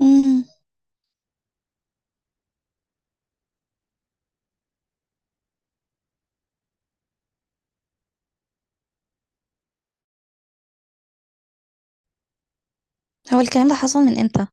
امم هو الكلام ده حصل من امتى؟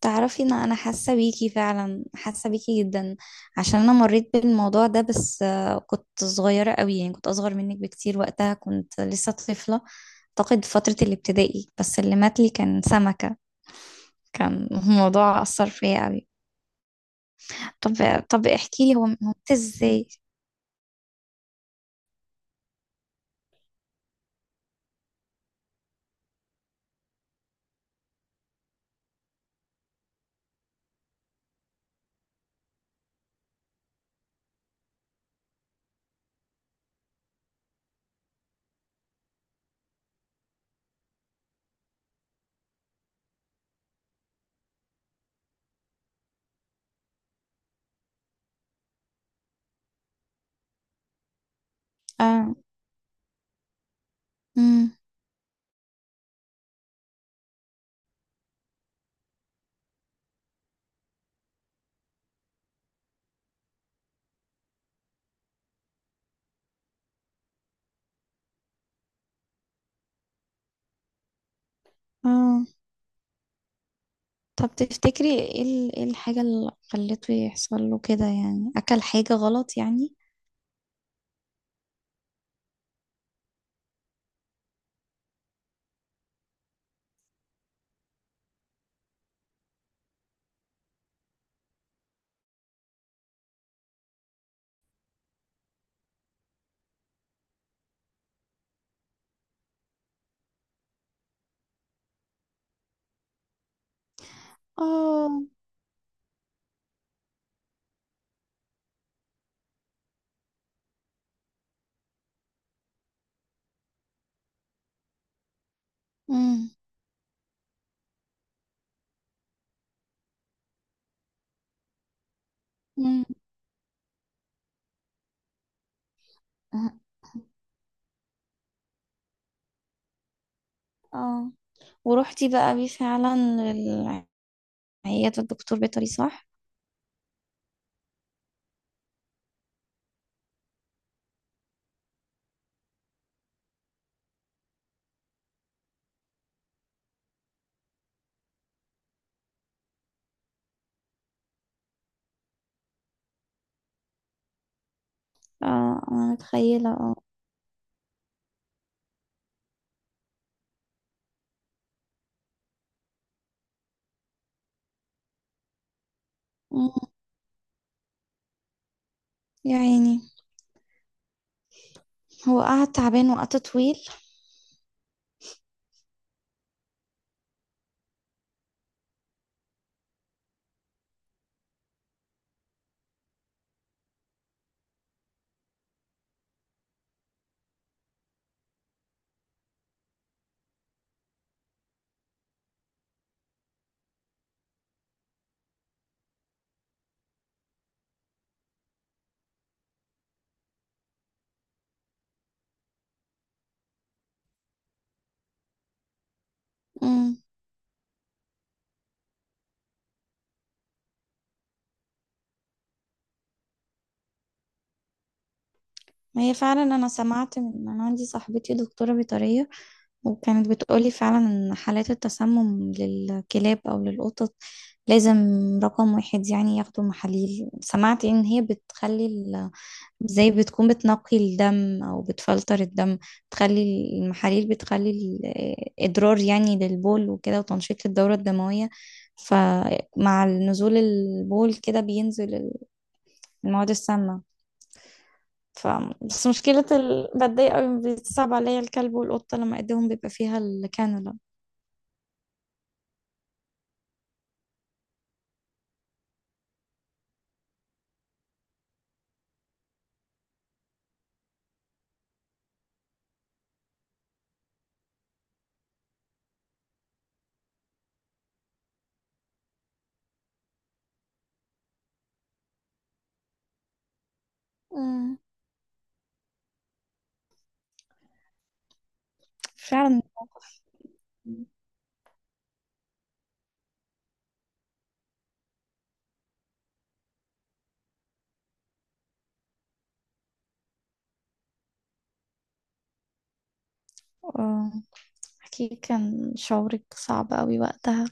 تعرفي ان انا حاسه بيكي، فعلا حاسه بيكي جدا. عشان انا مريت بالموضوع ده، بس كنت صغيره قوي. يعني كنت اصغر منك بكتير، وقتها كنت لسه طفله. اعتقد فتره الابتدائي. بس اللي مات لي كان سمكه. كان الموضوع اثر فيا قوي. طب طب احكي لي، هو مات ازاي؟ اه. امم. اه. طب تفتكري ايه إيه الحاجه اللي خلته يحصل له كده؟ يعني اكل حاجه غلط يعني؟ اه. مم. مم. اه. ورحتي بقى بيه فعلا للعيادة، الدكتور بيطري صح؟ اه، انا متخيلة اه. مم. يا عيني. هو قعد تعبان وقت طويل؟ امم. هي فعلا انا سمعت، انا عندي صاحبتي دكتوره بيطريه، وكانت بتقولي فعلا ان حالات التسمم للكلاب او للقطط لازم، رقم واحد يعني ياخدوا محاليل. سمعت ان هي بتخلي، زي بتكون بتنقي الدم او بتفلتر الدم. تخلي المحاليل بتخلي الادرار يعني للبول وكده، وتنشيط الدورة الدموية. فمع نزول البول كده بينزل المواد السامة. ف بس مشكلة بتضايق قوي، بتصعب عليا الكلب والقطة لما ايديهم بيبقى فيها الكانولا. مم. فعلا. آه، أكيد كان شعورك صعب قوي وقتها.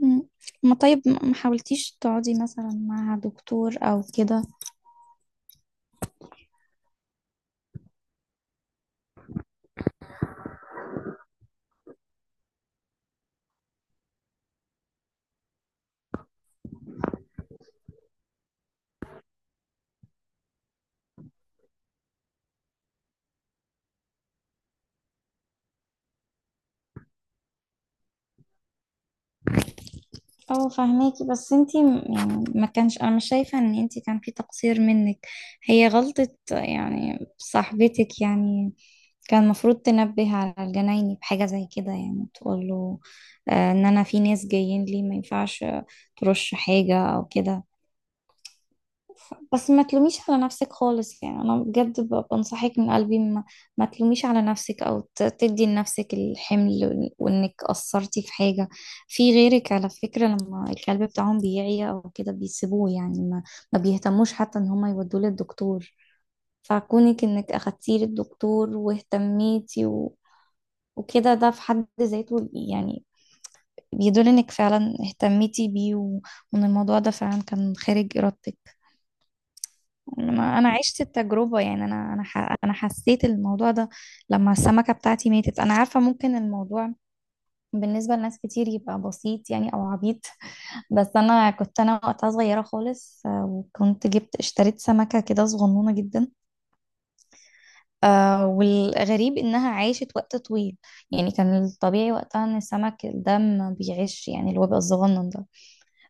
مم. ما طيب ما حاولتيش تقعدي مثلا مع دكتور أو كده؟ اه فهماكي. بس انتي يعني ما كانش، انا مش شايفة ان انتي كان في تقصير منك. هي غلطة يعني صاحبتك يعني. كان المفروض تنبه على الجنايني بحاجة زي كده، يعني تقول له ان انا في ناس جايين لي، ما ينفعش ترش حاجة او كده. بس ما تلوميش على نفسك خالص. يعني انا بجد بنصحك من قلبي، ما تلوميش على نفسك او تدي لنفسك الحمل وانك قصرتي في حاجة. في غيرك على فكرة، لما الكلب بتاعهم بيعيا او كده بيسيبوه، يعني ما بيهتموش حتى ان هم يودوه للدكتور. فكونك انك اخدتيه للدكتور واهتميتي وكده ده في حد ذاته يعني بيدل انك فعلا اهتميتي بيه وان الموضوع ده فعلا كان خارج ارادتك. انا أنا عشت التجربه. يعني انا انا حسيت الموضوع ده لما السمكه بتاعتي ماتت. انا عارفه ممكن الموضوع بالنسبه لناس كتير يبقى بسيط يعني، او عبيط. بس انا كنت، انا وقتها صغيره خالص. وكنت اشتريت سمكه كده صغنونه جدا. والغريب انها عاشت وقت طويل. يعني كان الطبيعي وقتها ان السمك ده ما بيعيش، يعني اللي هو بيبقى الصغنن ده.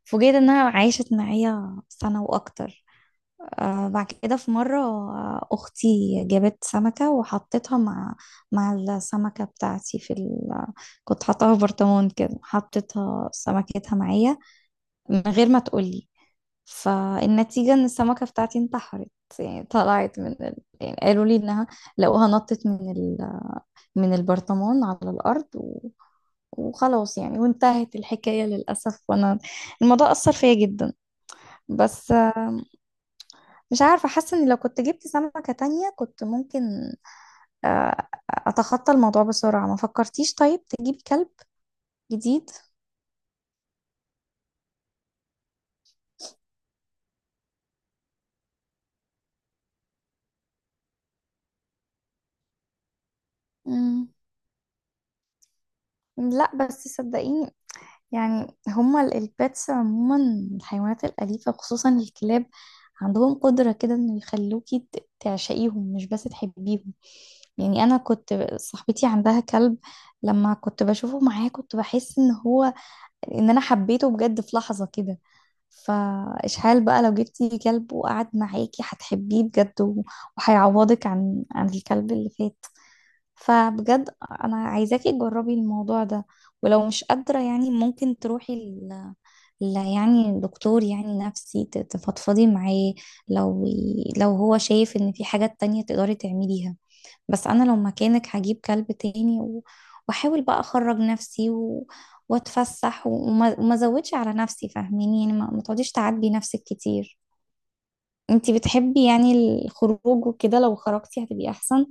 فوجئت انها عاشت معايا سنه واكتر. آه بعد كده في مرة، أختي جابت سمكة وحطيتها مع السمكة بتاعتي في كنت حاطاها في برطمان كده، حطيتها سمكتها معايا من غير ما تقولي. فالنتيجة إن السمكة بتاعتي انتحرت. يعني طلعت من يعني قالوا لي إنها لقوها نطت من من البرطمان على الأرض وخلاص يعني، وانتهت الحكاية للأسف. وأنا الموضوع أثر فيا جدا. بس مش عارفة، حاسة ان لو كنت جبت سمكة تانية كنت ممكن اتخطى الموضوع بسرعة. ما فكرتيش طيب تجيبي كلب جديد؟ مم. لا بس صدقيني، يعني هما البيتس عموما، الحيوانات الأليفة خصوصا الكلاب، عندهم قدرة كده انه يخلوكي تعشقيهم مش بس تحبيهم. يعني انا كنت صاحبتي عندها كلب، لما كنت بشوفه معاه كنت بحس ان هو ان انا حبيته بجد في لحظة كده. فإشحال بقى لو جبتي كلب وقعد معاكي هتحبيه بجد، وهيعوضك عن الكلب اللي فات. فبجد انا عايزاكي تجربي الموضوع ده. ولو مش قادرة يعني ممكن تروحي لا يعني دكتور، يعني نفسي تفضفضي معاه. لو هو شايف ان في حاجات تانية تقدري تعمليها. بس انا لو مكانك هجيب كلب تاني واحاول بقى اخرج نفسي واتفسح وما ازودش على نفسي فاهميني. يعني ما تقعديش تعبي نفسك كتير. انتي بتحبي يعني الخروج وكده، لو خرجتي هتبقي احسن.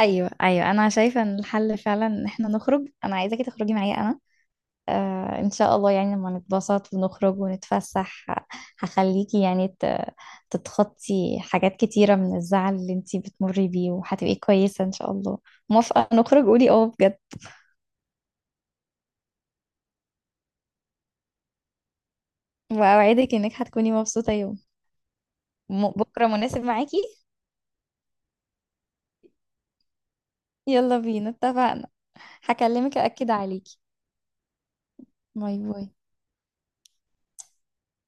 ايوه ايوه، انا شايفه ان الحل فعلا ان احنا نخرج. انا عايزاكي تخرجي معايا انا. آه ان شاء الله، يعني لما نتبسط ونخرج ونتفسح هخليكي يعني تتخطي حاجات كتيرة من الزعل اللي انتي بتمري بيه، وهتبقي كويسة ان شاء الله. موافقة نخرج؟ قولي اه بجد. واوعدك انك هتكوني مبسوطة يوم. بكرة مناسب معاكي؟ يلا بينا اتفقنا. هكلمك أأكد عليكي. باي باي.